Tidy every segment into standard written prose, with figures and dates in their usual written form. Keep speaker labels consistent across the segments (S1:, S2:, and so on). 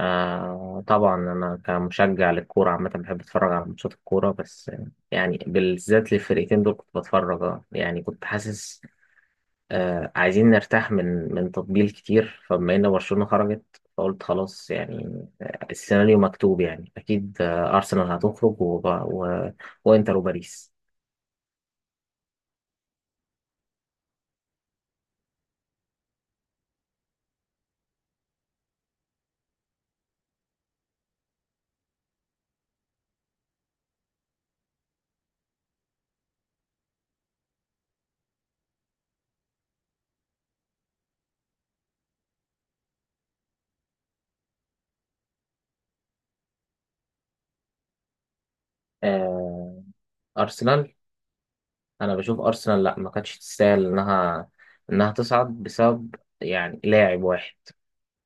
S1: آه، طبعا أنا كمشجع للكورة عامة بحب أتفرج على ماتشات الكورة، بس يعني بالذات للفرقتين دول كنت بتفرج. يعني كنت حاسس عايزين نرتاح من تطبيل كتير، فبما إن برشلونة خرجت فقلت خلاص يعني، السيناريو مكتوب يعني، أكيد أرسنال هتخرج وإنتر وباريس. آه أرسنال أنا بشوف أرسنال، لأ، ما كانتش تستاهل إنها تصعد بسبب يعني لاعب واحد.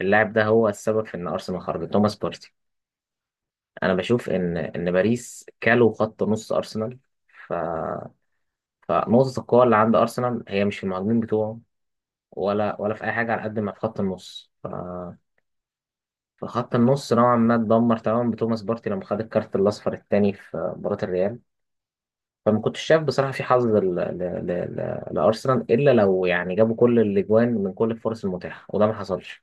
S1: اللاعب ده هو السبب في ان ارسنال خرجت، توماس بارتي. انا بشوف ان باريس كالوا خط نص ارسنال، ف فنقطة القوة اللي عند ارسنال هي مش في المهاجمين بتوعه ولا في اي حاجة، على قد ما في خط النص. فخط النص نوعا ما اتدمر تماما بتوماس بارتي لما خد الكارت الاصفر الثاني في مباراة الريال. فما كنتش شايف بصراحة في حظ لارسنال الا لو يعني جابوا كل الاجوان من كل الفرص المتاحة، وده ما حصلش.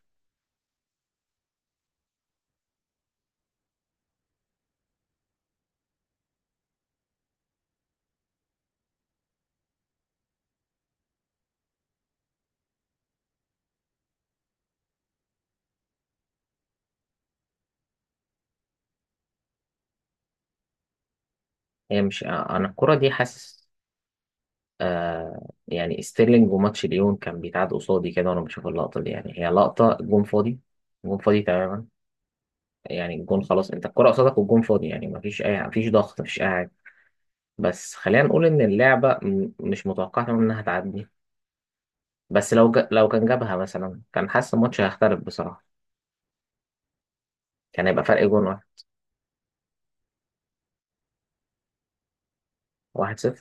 S1: هي مش انا الكرة دي حاسس، يعني ستيرلينج وماتش ليون كان بيتعاد قصادي كده وانا بشوف اللقطه دي، يعني هي لقطه جون فاضي، جون فاضي تماما. يعني الجون خلاص، انت الكره قصادك والجون فاضي، يعني مفيش ضغط، مفيش اي حاجه. بس خلينا نقول ان اللعبه مش متوقعه تماما انها تعدي. بس لو كان جابها مثلا، كان حاسس الماتش هيختلف بصراحه، كان هيبقى فرق جون واحد. 1-0.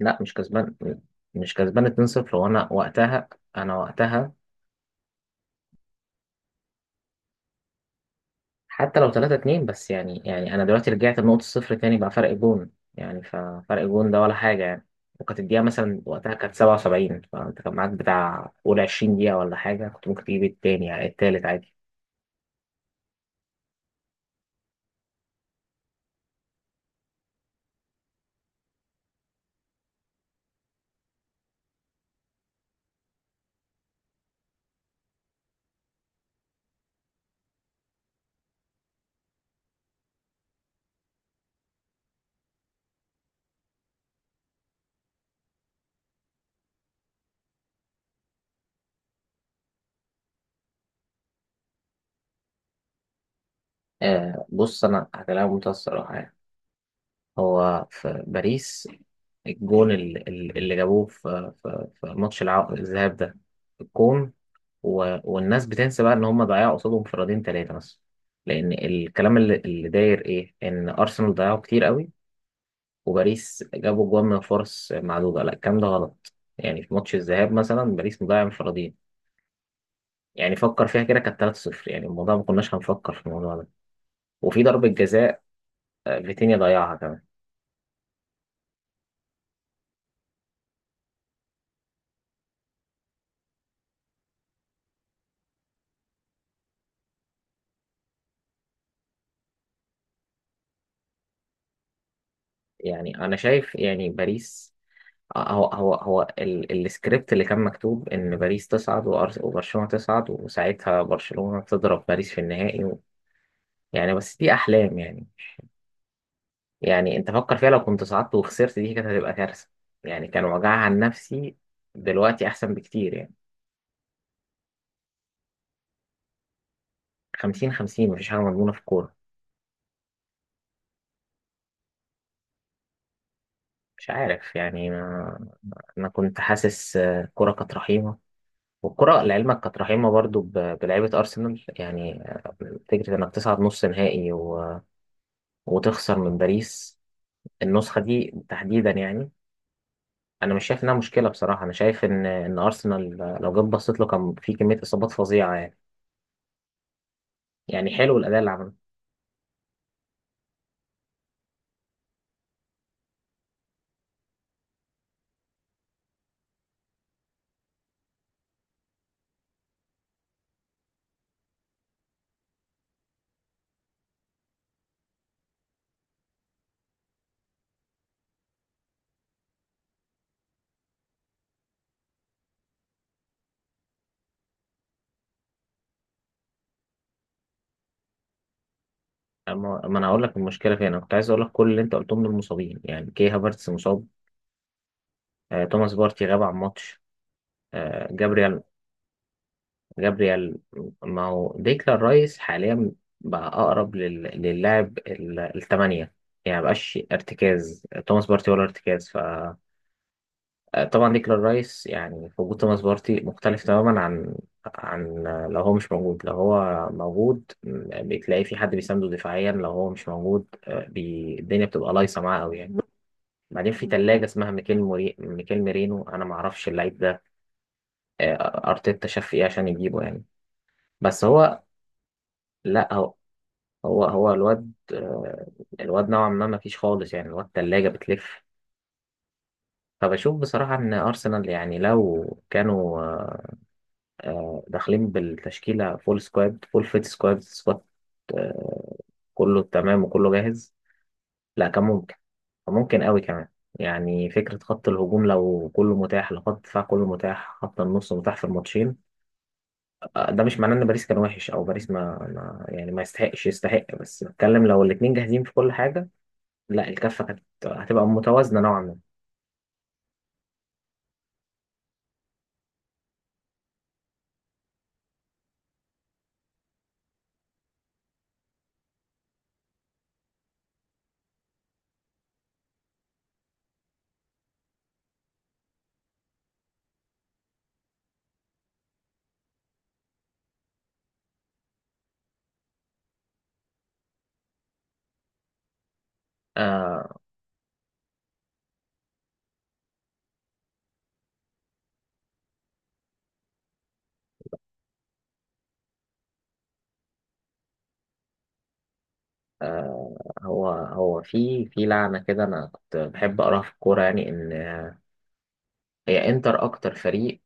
S1: لا مش كسبان، مش كسبان، 2-0. وانا وقتها انا وقتها حتى لو 3-2. بس يعني انا دلوقتي رجعت لنقطة الصفر تاني بقى فرق جون، يعني ففرق جون ده ولا حاجة يعني. وكانت الدقيقة مثلا وقتها كانت 77، فانت كان معاك بتاع قول 20 دقيقة ولا حاجة، كنت ممكن تجيب التاني، يعني التالت عادي. بص، انا هكلمك بمنتهى الصراحة يعني. هو في باريس، الجون اللي جابوه في ماتش الذهاب ده، الجون والناس بتنسى بقى ان هم ضيعوا قصادهم انفرادين ثلاثه مثلا. لان الكلام اللي داير ايه، ان ارسنال ضيعوا كتير قوي وباريس جابوا جوان من فرص معدوده. لا، الكلام ده غلط، يعني في ماتش الذهاب مثلا باريس مضيع انفرادين، يعني فكر فيها كده، كانت 3-0، يعني الموضوع ما كناش هنفكر في الموضوع ده. وفي ضربه جزاء، فيتينيا ضيعها كمان. يعني انا شايف يعني باريس. السكريبت اللي كان مكتوب ان باريس تصعد وبرشلونه تصعد، وساعتها برشلونه تضرب باريس في النهائي. يعني بس دي احلام يعني. يعني انت فكر فيها لو كنت صعدت وخسرت، دي كانت هتبقى كارثه يعني، كان وجعها عن نفسي. دلوقتي احسن بكتير يعني. 50/50، مفيش حاجه مضمونه في الكوره. مش عارف يعني ما... انا كنت حاسس، الكوره كانت رحيمه. والكوره لعلمك كانت رحيمه برضو بلعيبه ارسنال، يعني فكره انك تصعد نص نهائي وتخسر من باريس النسخه دي تحديدا يعني. انا مش شايف انها مشكله بصراحه. انا شايف ان ارسنال لو جيت بصيت له، كان في كميه اصابات فظيعه يعني. يعني حلو الاداء اللي عمله. أما- ما انا هقول لك المشكله فين. انا كنت عايز اقول لك كل اللي انت قلتهم دول مصابين، يعني كي هافرتس مصاب، توماس بارتي غاب عن ماتش، آه، جابريال جابريال. ما هو ديكلان رايس حاليا بقى اقرب للاعب الثمانيه، يعني مبقاش ارتكاز توماس بارتي ولا ارتكاز. طبعا ديكلان رايس يعني في وجود توماس بارتي مختلف تماما عن لو هو مش موجود. لو هو موجود، بتلاقي في حد بيسانده دفاعيا. لو هو مش موجود، الدنيا بتبقى لايصه معاه قوي يعني. بعدين في تلاجة اسمها ميكيل ميرينو، انا ما اعرفش اللعيب ده، ارتيتا شاف ايه عشان يجيبه يعني. بس هو لا، هو هو هو الواد، الواد نوعا ما ما فيش خالص يعني، الواد تلاجة بتلف. فبشوف بصراحة ان ارسنال يعني لو كانوا، داخلين بالتشكيلة، فول فيت سكواد، آه، كله تمام وكله جاهز، لا كان ممكن. كان ممكن قوي كمان. يعني فكرة خط الهجوم لو كله متاح، لو خط الدفاع كله متاح، خط النص متاح في الماتشين. ده مش معناه ان باريس كان وحش او باريس ما يعني ما يستحقش يستحق، بس بتكلم لو الاتنين جاهزين في كل حاجة، لا الكفة كانت هتبقى متوازنة نوعا ما. آه هو في لعنة كده انا كنت بحب اقراها في الكورة، يعني ان هي انتر اكتر فريق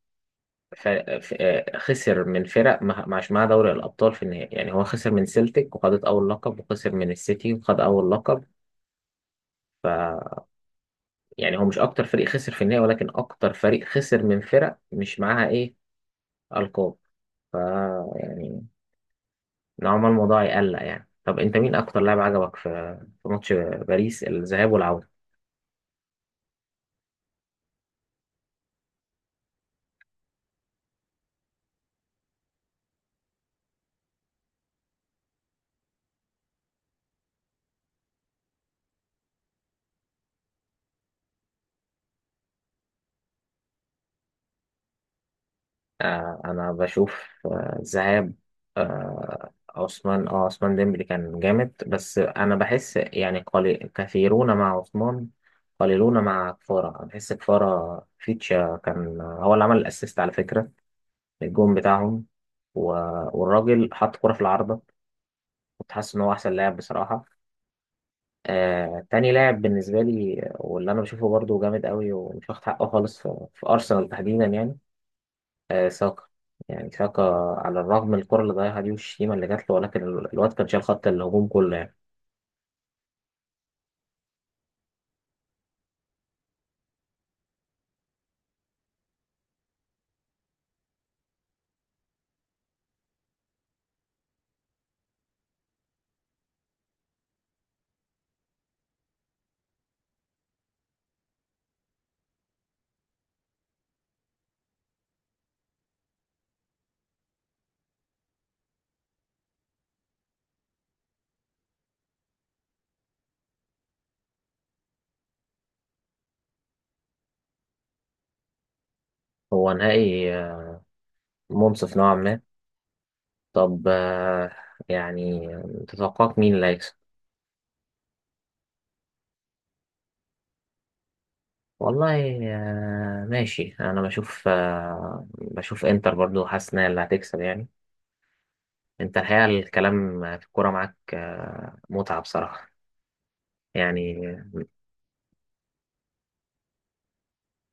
S1: ف... خسر من فرق ما معش معاها دوري الأبطال في النهائي. يعني هو خسر من سيلتيك وخدت أول لقب، وخسر من السيتي وخد أول لقب. ف يعني هو مش أكتر فريق خسر في النهائي، ولكن أكتر فريق خسر من فرق مش معاها إيه، ألقاب. ف يعني نوعا ما الموضوع يقلق يعني. طب أنت مين أكتر لاعب عجبك في ماتش باريس الذهاب والعودة؟ انا بشوف، ذهاب، عثمان ديمبلي كان جامد. بس انا بحس يعني، كثيرون مع عثمان، قليلون مع كفارة. أنا بحس كفارة فيتشا كان هو اللي عمل الاسيست على فكرة، الجون بتاعهم، و- والراجل حط كرة في العارضة، كنت حاسس ان هو احسن لاعب بصراحة. تاني لاعب بالنسبة لي واللي انا بشوفه برضو جامد قوي ومش واخد حقه خالص في ارسنال تحديدا، يعني ساكا. يعني ساكا على الرغم من الكرة اللي ضيعها دي والشتيمة اللي جات له، ولكن الواد كان شايل خط الهجوم كله يعني. هو نهائي، منصف نوعا ما. طب، يعني، تتوقعك مين اللي هيكسب؟ والله ماشي، أنا بشوف، بشوف إنتر برضو، حاسس إن هي اللي هتكسب يعني. أنت الحقيقة الكلام في الكورة معاك متعة بصراحة يعني.